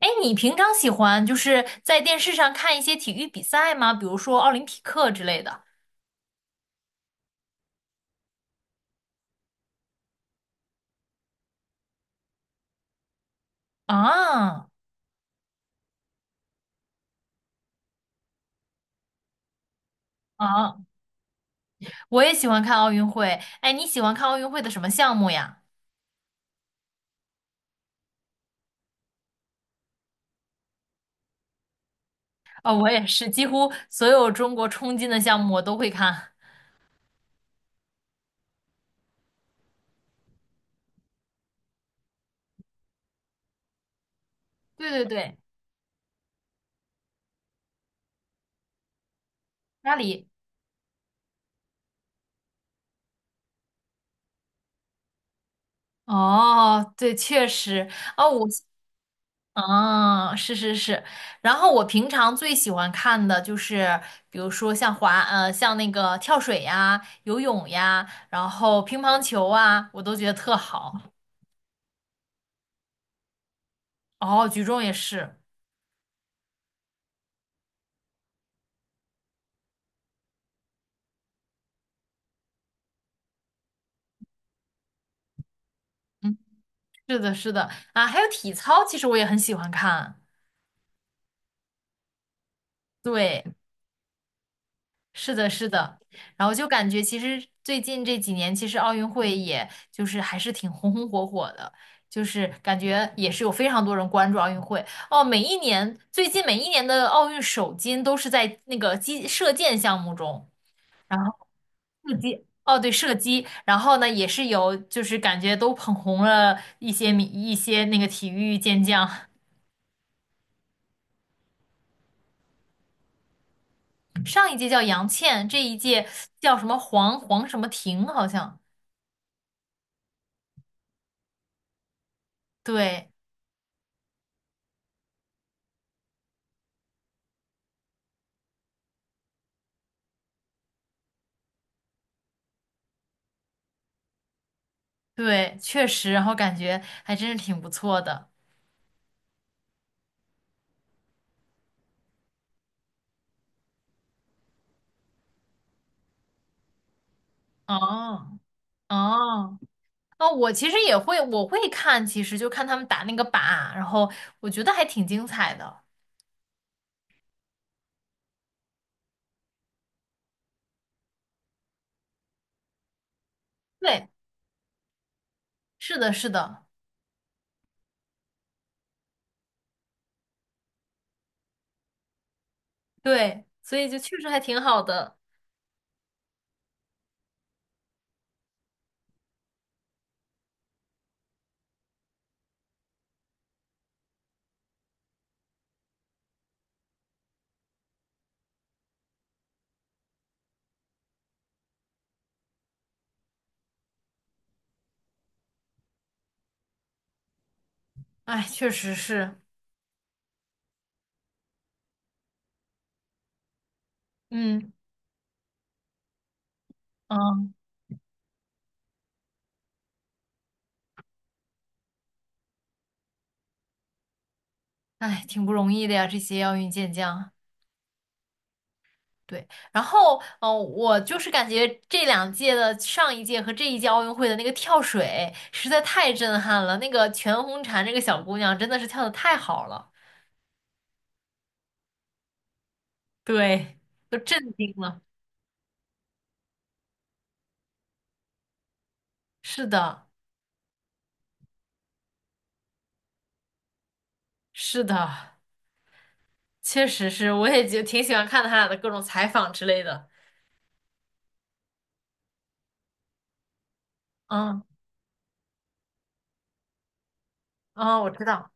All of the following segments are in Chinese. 哎，你平常喜欢就是在电视上看一些体育比赛吗？比如说奥林匹克之类的。啊啊，我也喜欢看奥运会。哎，你喜欢看奥运会的什么项目呀？哦，我也是，几乎所有中国冲金的项目我都会看。对对对，拉里。哦，对，确实。哦，我。哦，是是是，然后我平常最喜欢看的就是，比如说像滑，像那个跳水呀、游泳呀，然后乒乓球啊，我都觉得特好。哦，举重也是，嗯，是的，是的，啊，还有体操，其实我也很喜欢看。对。是的，是的，然后就感觉其实最近这几年，其实奥运会也就是还是挺红红火火的，就是感觉也是有非常多人关注奥运会。哦，每一年，最近每一年的奥运首金都是在那个击射箭项目中，然后射击，哦对，射击，然后呢也是有就是感觉都捧红了一些米一些那个体育健将，上一届叫杨倩，这一届叫什么黄黄什么婷好像，对。对，确实，然后感觉还真是挺不错的。哦哦哦，我其实也会，我会看，其实就看他们打那个靶，然后我觉得还挺精彩的。对，是的，是的，对，所以就确实还挺好的。哎，确实是，嗯嗯，哎，挺不容易的呀，这些奥运健将。对，然后，我就是感觉这两届的上一届和这一届奥运会的那个跳水实在太震撼了，那个全红婵这个小姑娘真的是跳的太好了，对，都震惊了。是的，是的，确实是，我也就挺喜欢看他俩的各种采访之类的。嗯，哦，我知道，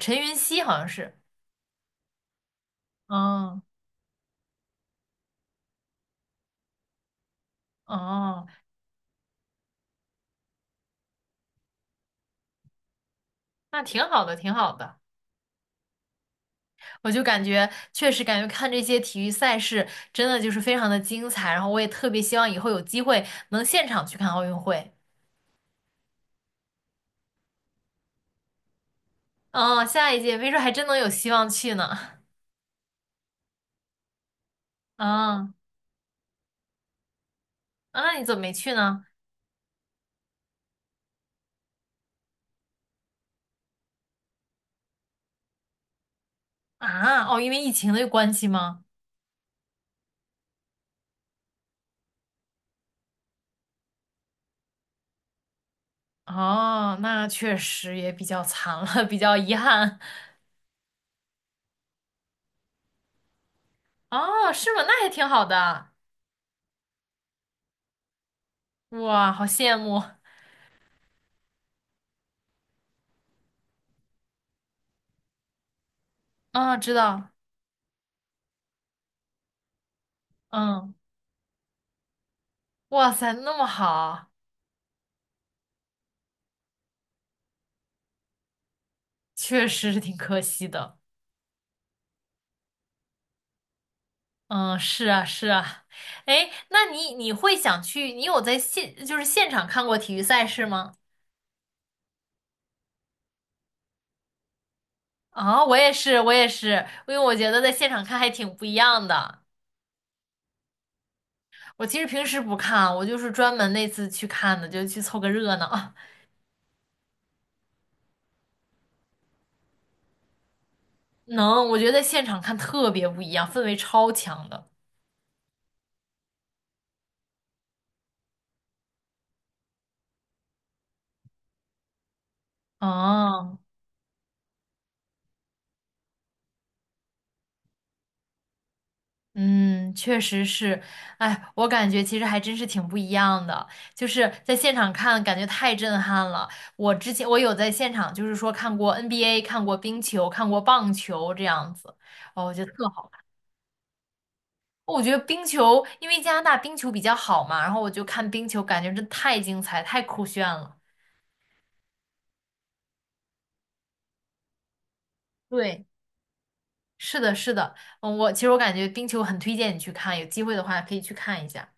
陈云汐好像是，嗯，哦，那挺好的，挺好的。我就感觉确实感觉看这些体育赛事真的就是非常的精彩，然后我也特别希望以后有机会能现场去看奥运会。嗯，下一届没准还真能有希望去呢。嗯，啊，那你怎么没去呢？啊，哦，因为疫情的关系吗？哦，那确实也比较惨了，比较遗憾。哦，是吗？那还挺好的。哇，好羡慕。啊，知道。嗯，哇塞，那么好，确实是挺可惜的。嗯，是啊，是啊。哎，那你你会想去？你有在现就是现场看过体育赛事吗？我也是，我也是，因为我觉得在现场看还挺不一样的。我其实平时不看，我就是专门那次去看的，就去凑个热闹。能，我觉得在现场看特别不一样，氛围超强的。哦、嗯，确实是，哎，我感觉其实还真是挺不一样的，就是在现场看，感觉太震撼了。我之前我有在现场，就是说看过 NBA，看过冰球，看过棒球这样子，哦，我觉得特好。我觉得冰球，因为加拿大冰球比较好嘛，然后我就看冰球，感觉真太精彩，太酷炫了。对，是的，是的，嗯，我其实我感觉冰球很推荐你去看，有机会的话可以去看一下。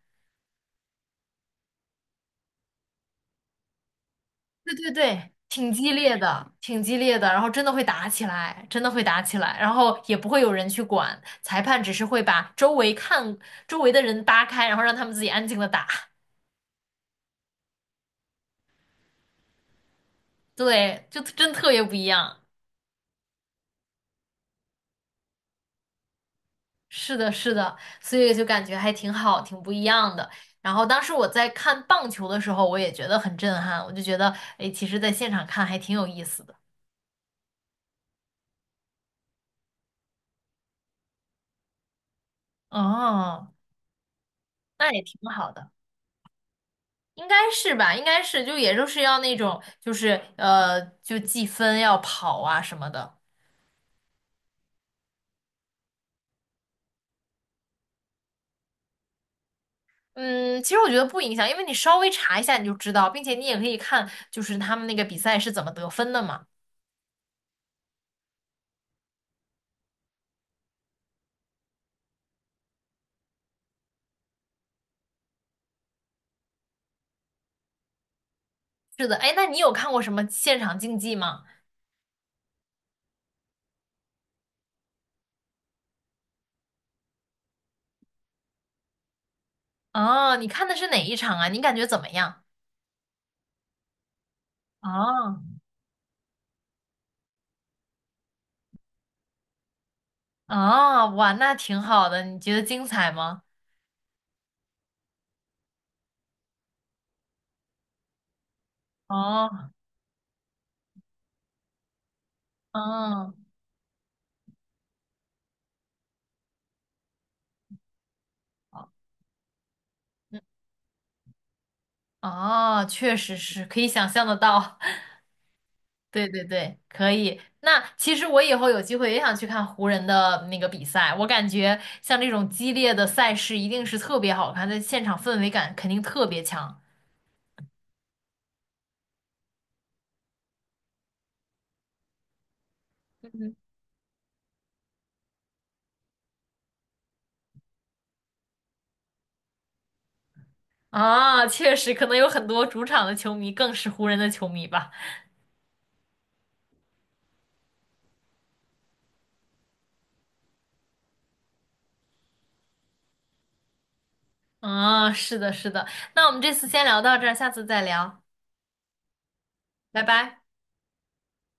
对对对，挺激烈的，挺激烈的，然后真的会打起来，真的会打起来，然后也不会有人去管，裁判只是会把周围看周围的人扒开，然后让他们自己安静的打，对，就真特别不一样。是的，是的，所以就感觉还挺好，挺不一样的。然后当时我在看棒球的时候，我也觉得很震撼，我就觉得，哎，其实在现场看还挺有意思的。哦，那也挺好的。应该是吧，应该是，就也就是要那种，就是,就计分要跑啊什么的。嗯，其实我觉得不影响，因为你稍微查一下你就知道，并且你也可以看，就是他们那个比赛是怎么得分的嘛。是的，哎，那你有看过什么现场竞技吗？啊，你看的是哪一场啊？你感觉怎么样？啊啊，哇，那挺好的，你觉得精彩吗？哦，嗯哦，嗯哦，确实是可以想象得到。对对对，可以。那其实我以后有机会也想去看湖人的那个比赛，我感觉像这种激烈的赛事一定是特别好看，在现场氛围感肯定特别强嗯啊！确实，可能有很多主场的球迷更是湖人的球迷吧。啊，是的，是的。那我们这次先聊到这儿，下次再聊，拜拜。